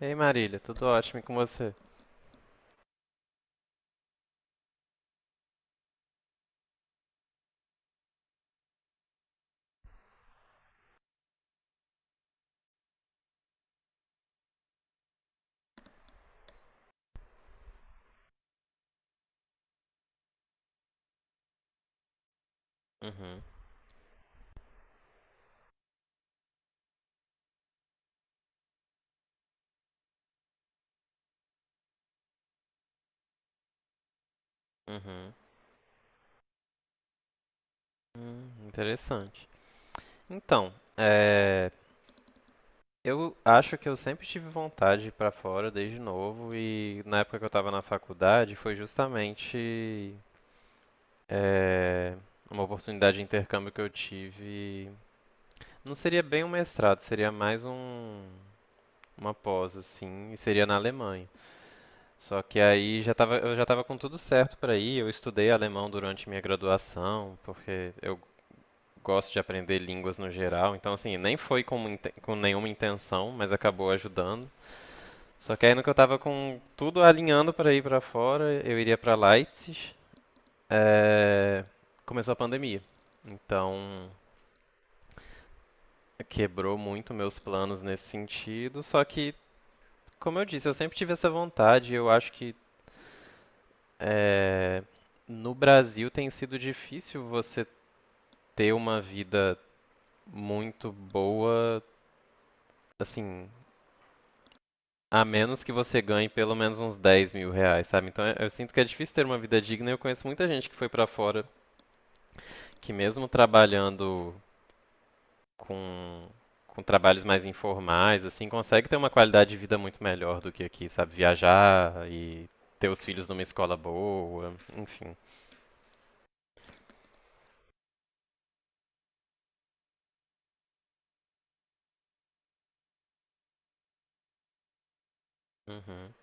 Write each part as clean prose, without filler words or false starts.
Ei Marília, tudo ótimo e com você? Uhum, uhum. Interessante. Então, eu acho que eu sempre tive vontade de ir pra fora desde novo e na época que eu tava na faculdade foi justamente é, uma oportunidade de intercâmbio que eu tive. Não seria bem um mestrado, seria mais um, uma pós assim, e seria na Alemanha. Só que aí já tava, eu já estava com tudo certo para ir. Eu estudei alemão durante minha graduação, porque eu gosto de aprender línguas no geral, então assim, nem foi com, com nenhuma intenção, mas acabou ajudando. Só que aí no que eu tava com tudo alinhando para ir para fora, eu iria para Leipzig, eh, começou a pandemia. Então, quebrou muito meus planos nesse sentido, só que, como eu disse, eu sempre tive essa vontade, eu acho que eh, no Brasil tem sido difícil você ter uma vida muito boa, assim. A menos que você ganhe pelo menos uns R$ 10.000, sabe? Então eu sinto que é difícil ter uma vida digna. Eu conheço muita gente que foi pra fora, que mesmo trabalhando com, com trabalhos mais informais, assim, consegue ter uma qualidade de vida muito melhor do que aqui, sabe? Viajar e ter os filhos numa escola boa, enfim. Uhum.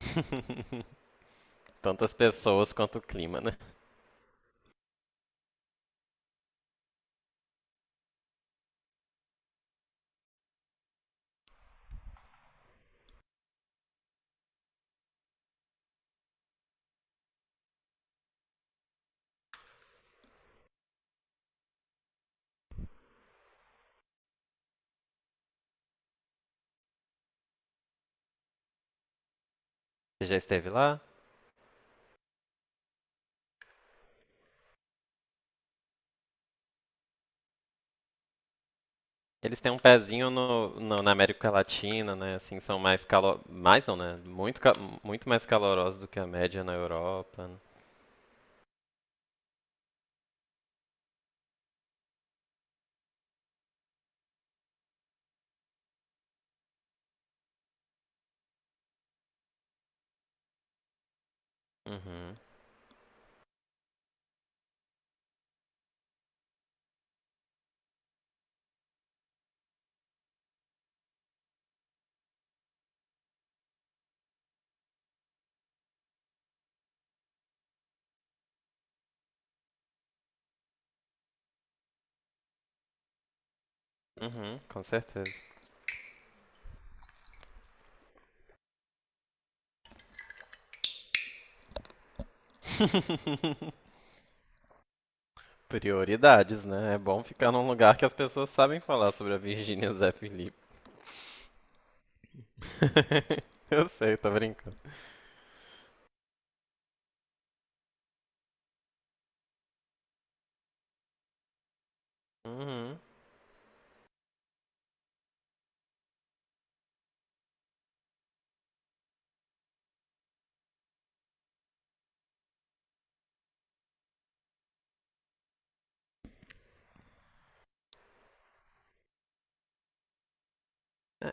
Tanto as pessoas quanto o clima, né? Você já esteve lá? Eles têm um pezinho no, na América Latina, né? Assim, são mais calor... Mais não, né? Muito, muito mais calorosos do que a média na Europa, né? Uhum. Uhum, com certeza. Prioridades, né? É bom ficar num lugar que as pessoas sabem falar sobre a Virgínia Zé Felipe. Eu sei, tô brincando. Uhum.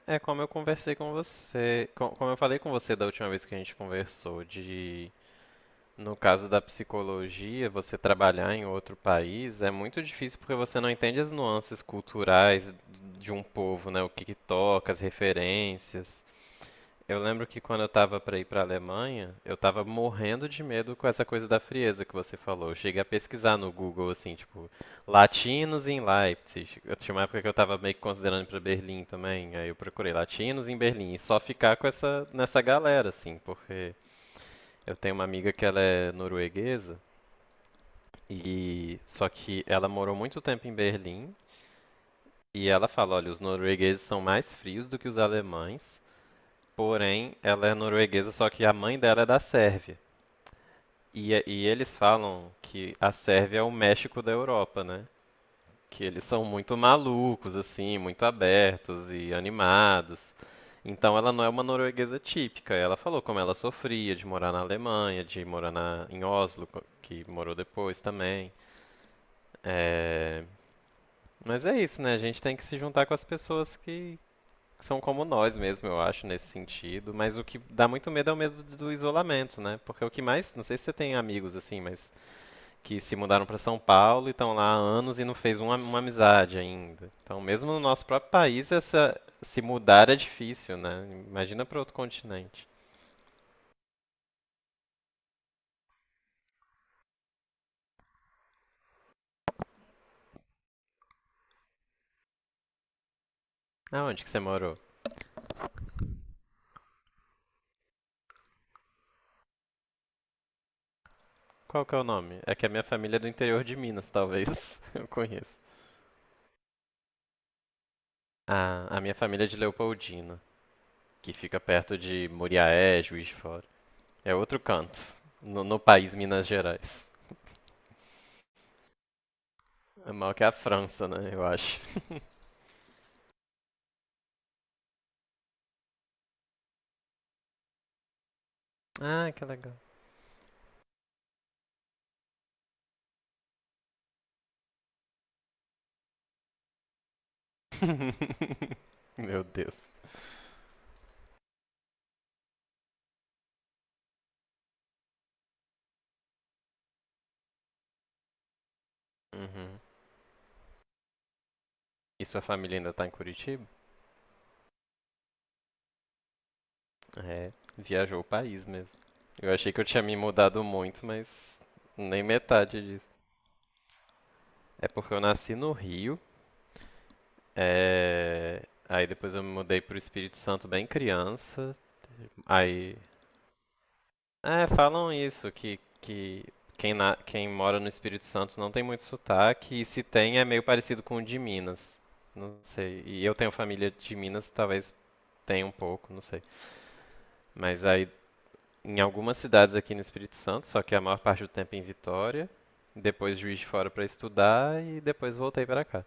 É como eu conversei com você, como eu falei com você da última vez que a gente conversou, de... No caso da psicologia, você trabalhar em outro país é muito difícil porque você não entende as nuances culturais de um povo, né? O que que toca, as referências. Eu lembro que quando eu tava pra ir pra Alemanha, eu tava morrendo de medo com essa coisa da frieza que você falou. Eu cheguei a pesquisar no Google, assim, tipo, latinos em Leipzig. Eu tinha uma época que eu tava meio que considerando ir pra Berlim também, aí eu procurei latinos em Berlim e só ficar com essa, nessa galera, assim, porque eu tenho uma amiga que ela é norueguesa, e só que ela morou muito tempo em Berlim, e ela fala, olha, os noruegueses são mais frios do que os alemães, porém ela é norueguesa, só que a mãe dela é da Sérvia. E, e eles falam que a Sérvia é o México da Europa, né? Que eles são muito malucos, assim, muito abertos e animados. Então ela não é uma norueguesa típica. Ela falou como ela sofria de morar na Alemanha, de morar na, em Oslo, que morou depois também. É, mas é isso, né? A gente tem que se juntar com as pessoas que são como nós mesmo, eu acho, nesse sentido. Mas o que dá muito medo é o medo do isolamento, né? Porque o que mais, não sei se você tem amigos assim, mas que se mudaram para São Paulo e estão lá há anos e não fez uma amizade ainda. Então, mesmo no nosso próprio país, essa se mudar é difícil, né? Imagina para outro continente. Aonde que você morou? Qual que é o nome? É que a minha família é do interior de Minas, talvez eu conheço. Ah, a minha família é de Leopoldina, que fica perto de Muriaé, Juiz de Fora. É outro canto, no, no país Minas Gerais. É mal que a França, né, eu acho. Ah, que legal. Meu Deus. Uhum. E sua família ainda tá em Curitiba? É, viajou o país mesmo. Eu achei que eu tinha me mudado muito, mas nem metade disso. É porque eu nasci no Rio, aí depois eu me mudei pro Espírito Santo bem criança, aí... É, falam isso, que quem, quem mora no Espírito Santo não tem muito sotaque, e se tem é meio parecido com o de Minas. Não sei. E eu tenho família de Minas, talvez tenha um pouco, não sei. Mas aí, em algumas cidades aqui no Espírito Santo, só que a maior parte do tempo em Vitória, depois Juiz de Fora pra estudar e depois voltei pra cá,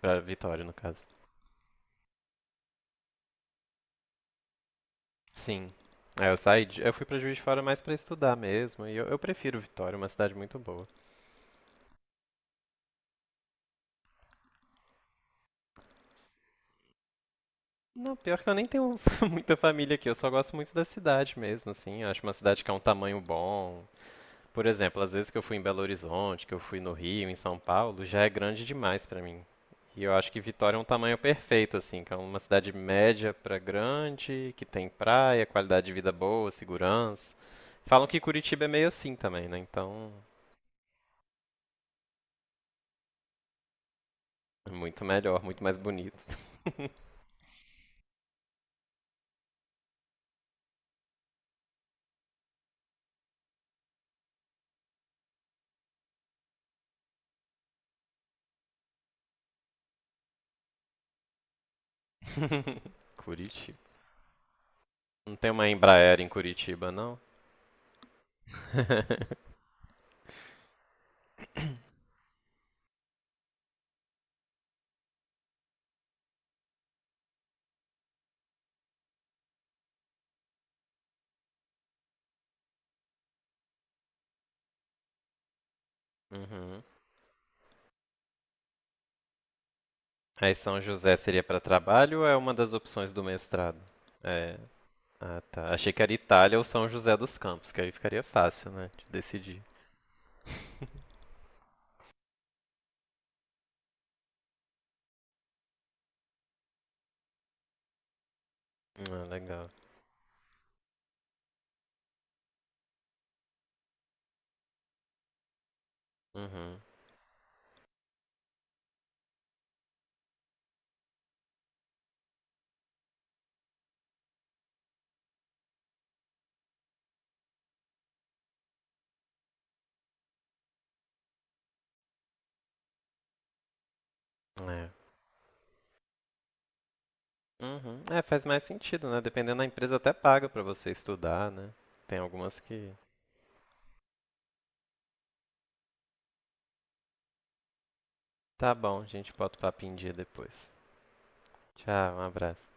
pra Vitória no caso. Sim. Aí eu saí, de, eu fui pra Juiz de Fora mais pra estudar mesmo, e eu prefiro Vitória, é uma cidade muito boa. Não, pior que eu nem tenho muita família aqui, eu só gosto muito da cidade mesmo, assim. Eu acho uma cidade que é um tamanho bom. Por exemplo, às vezes que eu fui em Belo Horizonte, que eu fui no Rio, em São Paulo, já é grande demais pra mim. E eu acho que Vitória é um tamanho perfeito, assim, que é uma cidade média pra grande, que tem praia, qualidade de vida boa, segurança. Falam que Curitiba é meio assim também, né? Então, é muito melhor, muito mais bonito. Curitiba. Não tem uma Embraer em Curitiba, não? Uhum. Aí São José seria para trabalho ou é uma das opções do mestrado? É. Ah, tá. Achei que era Itália ou São José dos Campos, que aí ficaria fácil, né, de decidir. Ah, legal. Uhum. É. Uhum. É, faz mais sentido, né? Dependendo da empresa até paga para você estudar, né? Tem algumas que... Tá bom, a gente bota o papo em dia depois. Tchau, um abraço.